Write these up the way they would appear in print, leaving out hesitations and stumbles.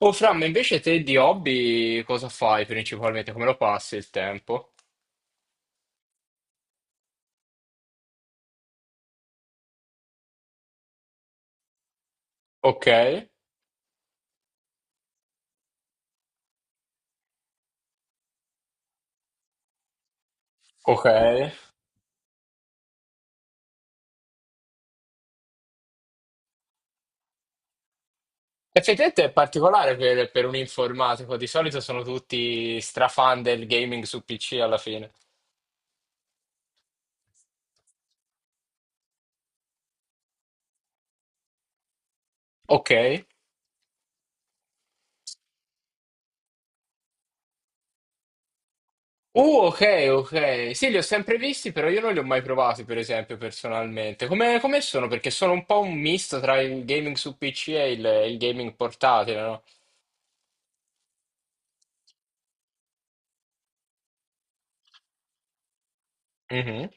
Oh, Fra, ma invece te di hobby cosa fai principalmente? Come lo passi il tempo? Ok, ok. Effettivamente è particolare per un informatico, di solito sono tutti strafan del gaming su PC alla fine. Ok. Ok, ok. Sì, li ho sempre visti, però io non li ho mai provati, per esempio, personalmente. Come sono? Perché sono un po' un misto tra il gaming su PC e il gaming portatile, no? Mhm.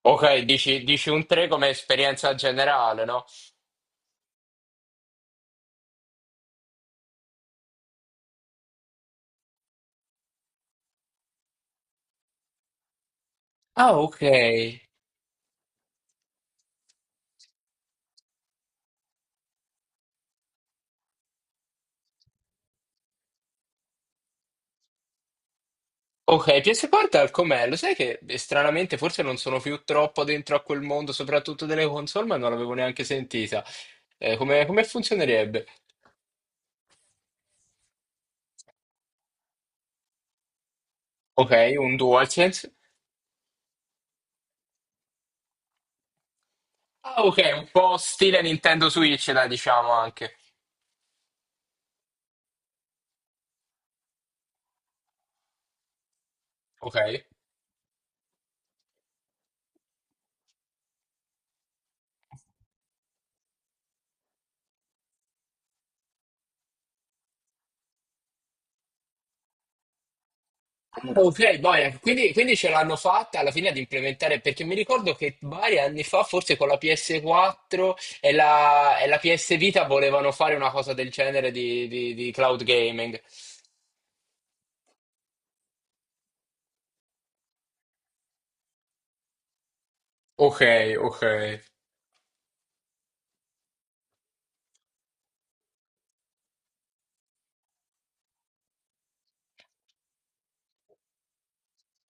Ok, dici un 3 come esperienza generale, no? Ah, ok. Ok, PS Portal com'è? Lo sai che stranamente forse non sono più troppo dentro a quel mondo, soprattutto delle console, ma non l'avevo neanche sentita. Come funzionerebbe? Ok, un DualSense. Ah, ok, un po' stile Nintendo Switch, dai, diciamo anche. Ok. Ah, ok, boia, quindi ce l'hanno fatta alla fine ad implementare, perché mi ricordo che vari anni fa, forse con la PS4 e la PS Vita, volevano fare una cosa del genere di cloud gaming. Okay, okay.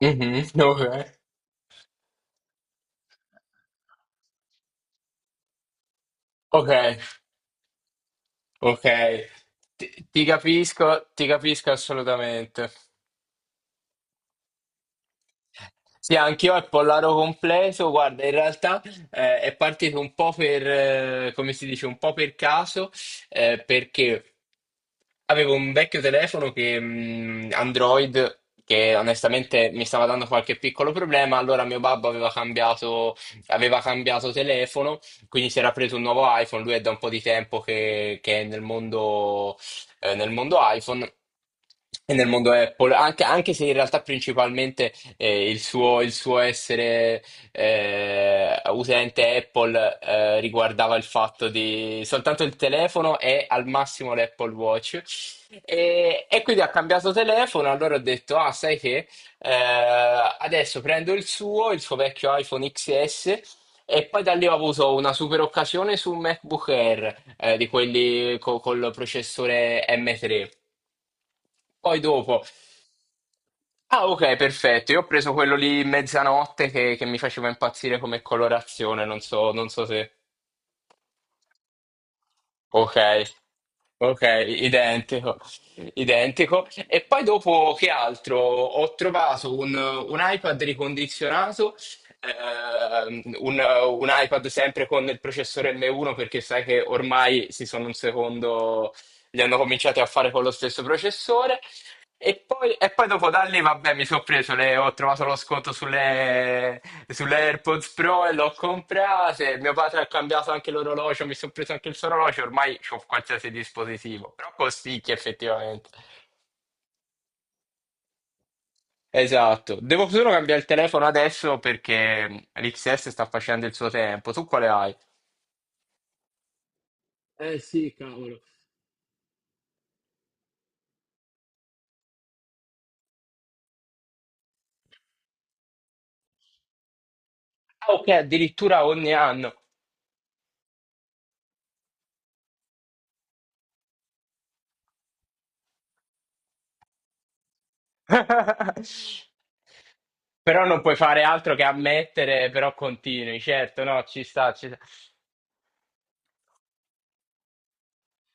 Mh-mh, okay, okay, okay. Ti ti capisco assolutamente. Sì, anch'io è Pollaro completo. Guarda, in realtà è partito un po' per, come si dice, un po' per caso, perché avevo un vecchio telefono che, Android che onestamente mi stava dando qualche piccolo problema. Allora mio babbo aveva cambiato telefono, quindi si era preso un nuovo iPhone. Lui è da un po' di tempo che è nel mondo iPhone. E nel mondo Apple, anche, anche se in realtà principalmente il suo essere utente Apple riguardava il fatto di soltanto il telefono e al massimo l'Apple Watch. E quindi ha cambiato telefono, allora ho detto, ah, sai che adesso prendo il suo vecchio iPhone XS e poi da lì ho avuto una super occasione su un MacBook Air, di quelli col processore M3. Poi dopo, ah ok, perfetto, io ho preso quello lì mezzanotte che mi faceva impazzire come colorazione, non so, non so se... Ok. Ok, identico, identico. E poi dopo che altro? Ho trovato un iPad ricondizionato, ehm, un, un iPad sempre con il processore M1 perché sai che ormai si sono un secondo, li hanno cominciati a fare con lo stesso processore e poi dopo da lì, vabbè, mi sono preso le, ho trovato lo sconto sulle AirPods Pro e l'ho comprate. Mio padre ha cambiato anche l'orologio, mi sono preso anche il suo orologio, ormai ho qualsiasi dispositivo, però costicchia effettivamente. Esatto, devo solo cambiare il telefono adesso perché l'XS sta facendo il suo tempo. Tu quale hai? Eh sì, cavolo. Ah, ok, addirittura ogni anno. Però non puoi fare altro che ammettere, però continui, certo, no, ci sta, ci sta.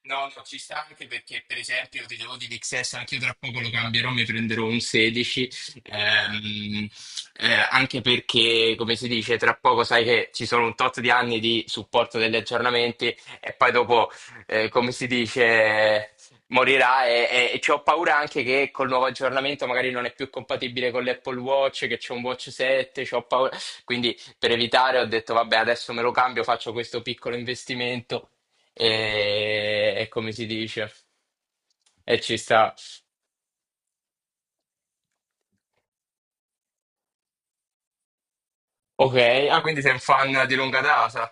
No, no, ci sta anche perché, per esempio, io ti devo di XS, anche io tra poco lo cambierò, mi prenderò un 16, ehm, anche perché, come si dice, tra poco sai che ci sono un tot di anni di supporto degli aggiornamenti e poi dopo, come si dice, morirà e ci ho paura anche che col nuovo aggiornamento magari non è più compatibile con l'Apple Watch, che c'è un Watch 7, c'ho paura. Quindi per evitare ho detto, vabbè, adesso me lo cambio, faccio questo piccolo investimento e come si dice? E ci sta. Ok, ah, quindi sei un fan di lunga data.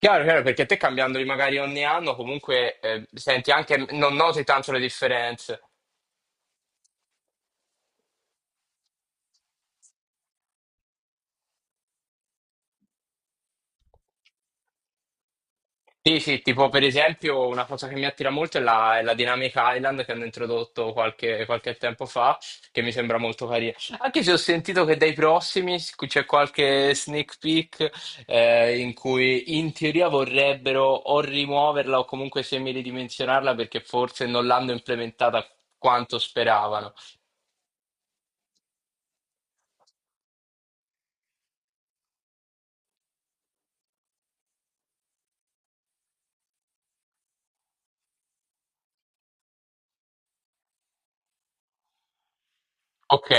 Chiaro, chiaro, perché te cambiandoli magari ogni anno comunque senti anche, non noti tanto le differenze. Sì, sì, tipo per esempio una cosa che mi attira molto è la Dynamic Island che hanno introdotto qualche tempo fa, che mi sembra molto carina. Anche se ho sentito che dai prossimi c'è qualche sneak peek in cui in teoria vorrebbero o rimuoverla o comunque semiridimensionarla perché forse non l'hanno implementata quanto speravano. Ok.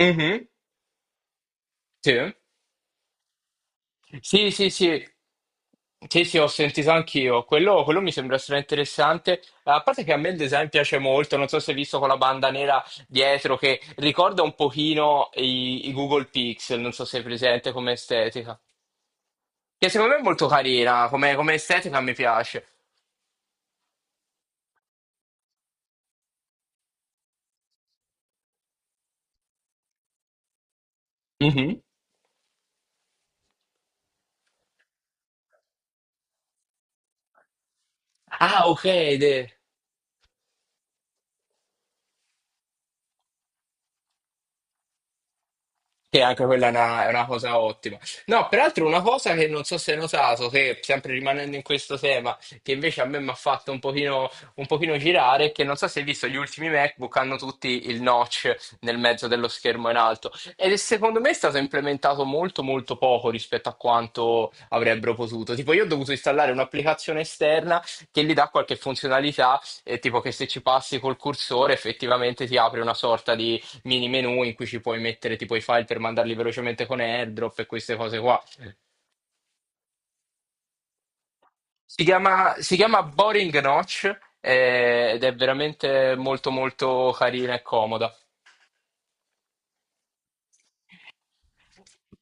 Mhm. Sì. Sì, sì, sì. Sì, sì, ho sentito anch'io. Quello mi sembra estremamente interessante. A parte che a me il design piace molto, non so se hai visto con la banda nera dietro, che ricorda un pochino i Google Pixel, non so se è presente come estetica. Che secondo me è molto carina, come, come estetica mi piace. Mhm. Ah, ok, idea. Sì, anche quella è è una cosa ottima. No, peraltro una cosa che non so se hai notato, che sempre rimanendo in questo tema, che invece a me mi ha fatto un pochino girare, è che non so se hai visto gli ultimi MacBook hanno tutti il notch nel mezzo dello schermo in alto. Ed è, secondo me è stato implementato molto molto poco rispetto a quanto avrebbero potuto. Tipo io ho dovuto installare un'applicazione esterna che gli dà qualche funzionalità, tipo che se ci passi col cursore effettivamente ti apre una sorta di mini menu in cui ci puoi mettere tipo i file per mandarli velocemente con AirDrop e queste cose qua. Si chiama Boring Notch ed è veramente molto molto carina e comoda.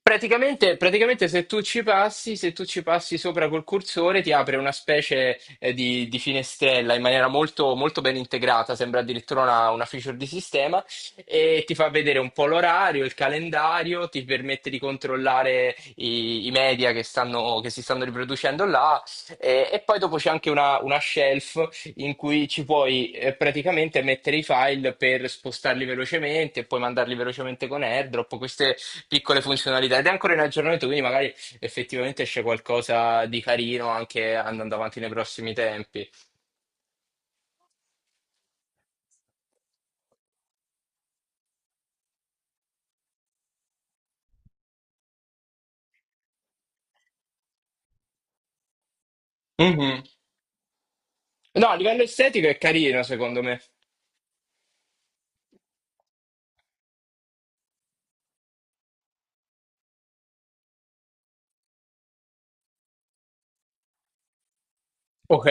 Praticamente se tu ci passi sopra col cursore ti apre una specie di finestrella in maniera molto, molto ben integrata, sembra addirittura una feature di sistema e ti fa vedere un po' l'orario, il calendario, ti permette di controllare i media che stanno, che si stanno riproducendo là e poi dopo c'è anche una shelf in cui ci puoi praticamente mettere i file per spostarli velocemente e poi mandarli velocemente con AirDrop. Queste, piccole funzionalità ed è ancora in aggiornamento, quindi magari effettivamente esce qualcosa di carino anche andando avanti nei prossimi tempi. Mhm. No, a livello estetico è carino, secondo me. Ok.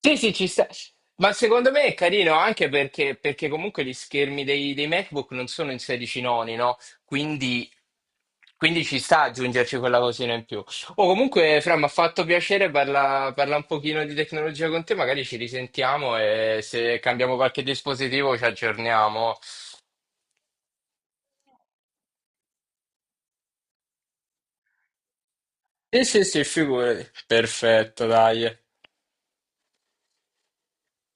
Sì, sì, ci sta. Ma secondo me è carino anche perché, perché comunque gli schermi dei MacBook non sono in 16 noni, no? Quindi, quindi ci sta aggiungerci quella cosina in più. O comunque, Fra, mi ha fatto piacere parla un pochino di tecnologia con te, magari ci risentiamo e se cambiamo qualche dispositivo ci aggiorniamo. Sì, sì, sì, figurati. Perfetto, dai.